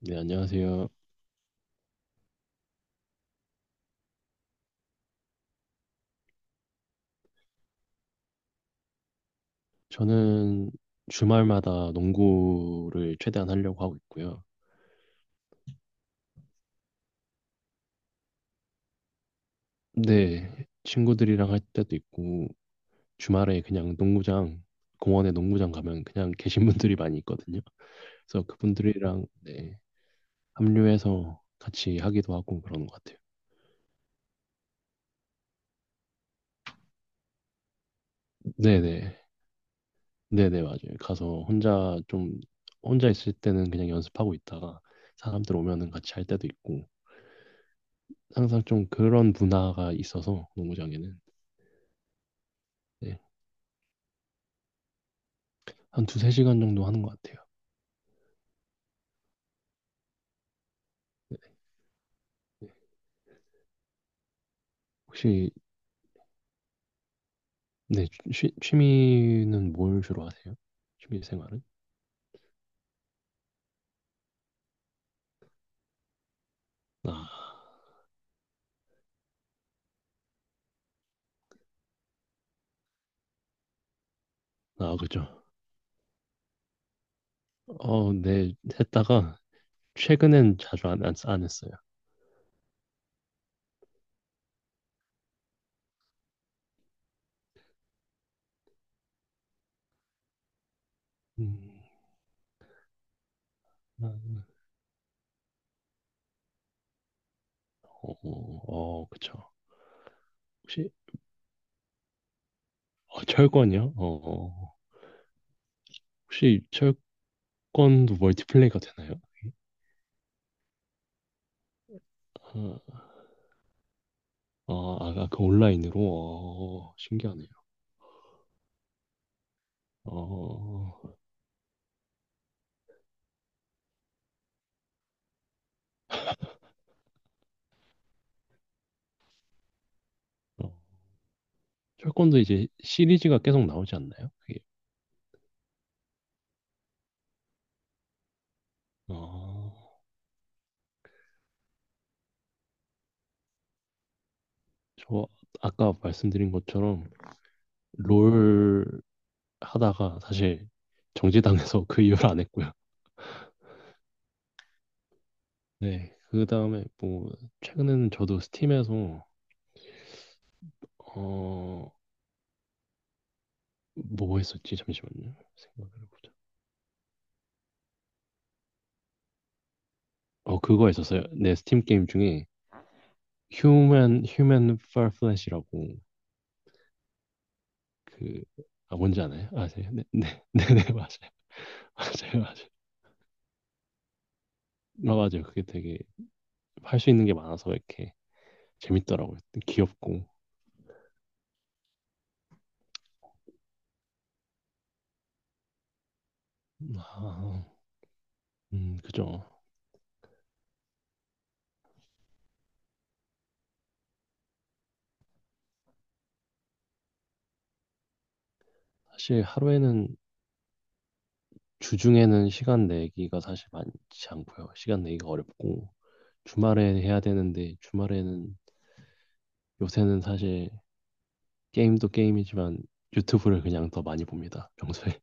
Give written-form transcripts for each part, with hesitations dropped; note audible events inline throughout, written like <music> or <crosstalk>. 네, 안녕하세요. 저는 주말마다 농구를 최대한 하려고 하고 있고요. 네, 친구들이랑 할 때도 있고, 주말에 그냥 농구장, 공원에 농구장 가면 그냥 <laughs> 계신 분들이 많이 있거든요. 그래서 그분들이랑 네, 합류해서 같이 하기도 하고 그러는 것 같아요. 네네, 네네, 맞아요. 가서 혼자 좀, 혼자 있을 때는 그냥 연습하고 있다가 사람들 오면은 같이 할 때도 있고, 항상 좀 그런 문화가 있어서, 농구장에는. 네, 한 2~3시간 정도 하는 것 같아요. 네. 혹시, 네, 취미는 뭘 주로 하세요? 취미 생활은? 아, 아, 그죠. 어, 네, 했다가, 최근엔 자주 안 했어요. 음, 나는- 어, 어, 그쵸. 혹시, 어, 철권이요? 어, 어. 혹시 철권도 멀티플레이가 되나요? 어, 어, 아, 그 온라인으로? 어, 신기하네요. 어, 어. 철권도 이제 시리즈가 계속 나오지 않나요? 그게. 어. 저 아까 말씀드린 것처럼 롤 하다가 사실 정지당해서 <laughs> 그 이후로 안 했고요. 네, 그 다음에 뭐 최근에는 저도 스팀에서 어 뭐 했었지? 잠시만요. 생각을 해보자. 어 그거 있었어요. 네, 스팀 게임 중에 휴먼 파플랫이라고 그 아, 뭔지 아나요? 아세요? 네, 네, <laughs> 네, 네, 맞아요, <laughs> 맞아요, 맞아요. 아, 맞아요. 그게 되게 할 수 있는 게 많아서 이렇게 재밌더라고요. 귀엽고. 아, 그죠. 사실 하루에는 주중에는 시간 내기가 사실 많지 않고요. 시간 내기가 어렵고 주말에 해야 되는데 주말에는 요새는 사실 게임도 게임이지만 유튜브를 그냥 더 많이 봅니다. 평소에.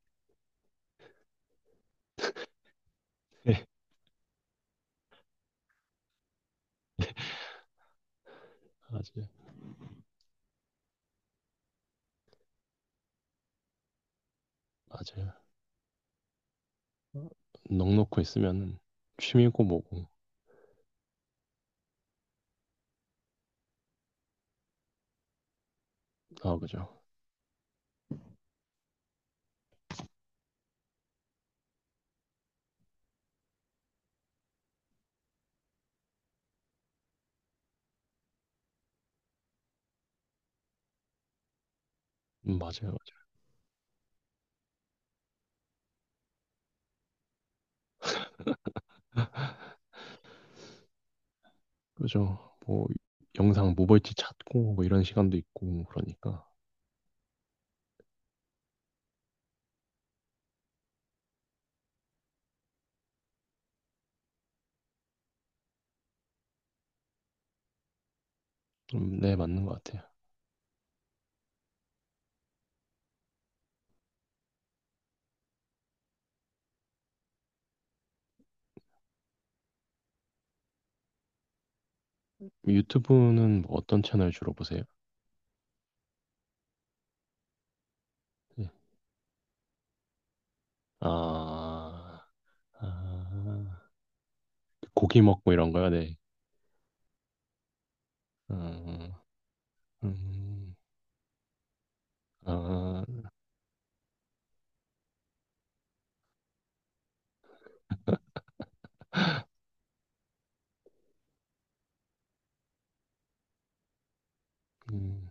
<laughs> 네. 맞아요. 맞아요. 어, 넋 놓고 있으면은 취미고 뭐고. 아, 그죠. 맞아요. 맞아요. 그죠. 뭐 영상 뭐 볼지 찾고 뭐 이런 시간도 있고 그러니까. 네, 맞는 것 같아요. 유튜브는 뭐 어떤 채널 주로 보세요? 아, 아, 고기 먹고 이런 거요. 네. 음, 음, 음. 아, 음,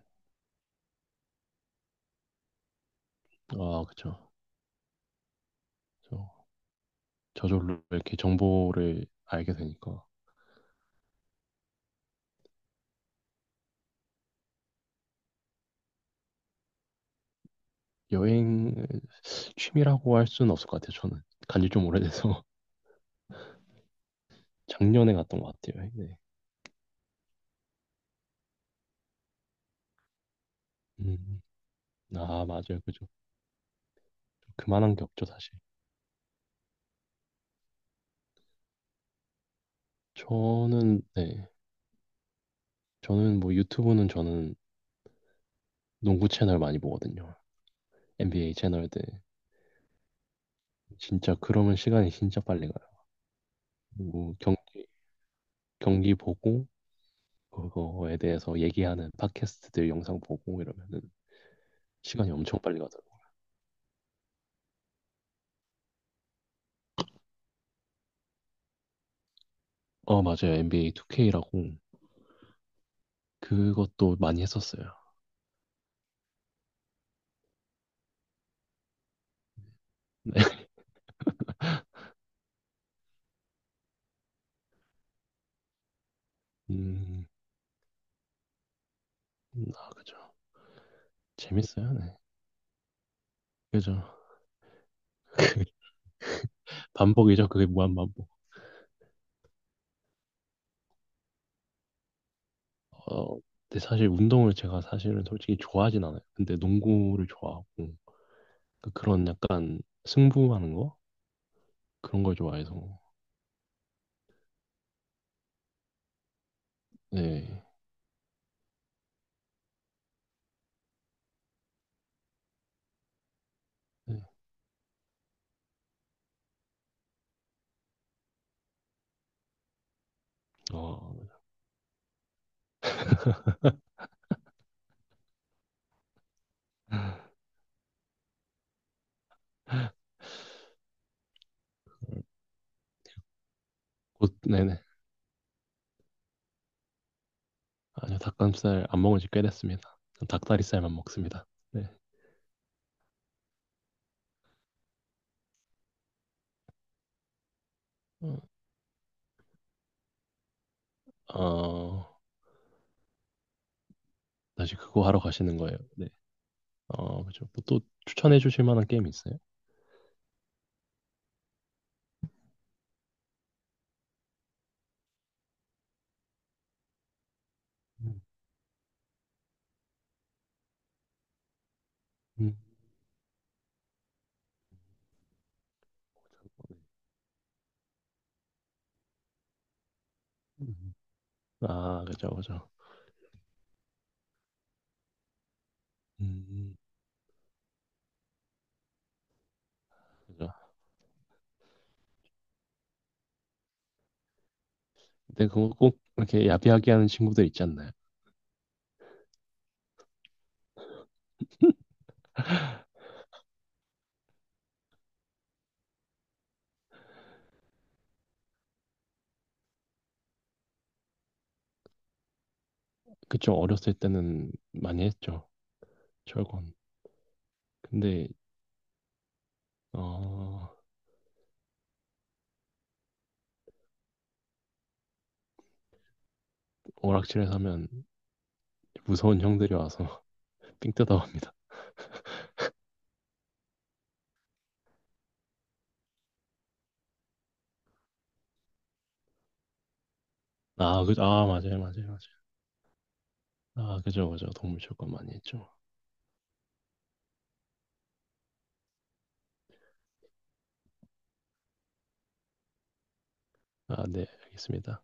아, 그쵸. 저, 저절로 이렇게 정보를 알게 되니까. 여행 취미라고 할 수는 없을 것 같아요, 저는. 간지 좀 오래돼서. <laughs> 작년에 갔던 것 같아요, 네. 음, 아, 맞아요, 그죠. 그만한 게 없죠, 사실. 저는, 네. 저는 뭐 유튜브는 저는 농구 채널 많이 보거든요. NBA 채널들. 진짜 그러면 시간이 진짜 빨리 가요. 뭐 경기 보고 그거에 대해서 얘기하는 팟캐스트들 영상 보고 이러면은 시간이 엄청 빨리 가더라고요. 어, 맞아요. NBA 2K라고 그것도 많이 했었어요. 네. 음, <laughs> 아, 그죠. 재밌어요. 네. 그죠. 반복이죠. 그게 무한 반복. 어, 근데 사실 운동을 제가 사실은 솔직히 좋아하진 않아요. 근데 농구를 좋아하고 그런 약간 승부하는 거 그런 걸 좋아해서 네. 네. 어, 네. 곧, 네네. 아니요, 닭가슴살 안 먹은 지 꽤 됐습니다. 전 닭다리살만 먹습니다. 네. 어, 어, 다시 그거 하러 가시는 거예요. 네. 어, 그죠. 뭐또 추천해 주실 만한 게임 있어요? 음. 음. 음. 아, 그죠, 그죠. 음. 그죠. 근데 그거 꼭 이렇게 야비하게 하는 친구들 있지 않나요? 그좀 어렸을 때는 많이 했죠. 철권. 근데, 어, 오락실에서 하면 무서운 형들이 와서 <laughs> 삥 뜯어. 아, 그죠. 아, 맞아요, 맞아요, 맞아요. 아, 그죠, 그죠. 동물 철권 많이 했죠. 아, 네, 알겠습니다.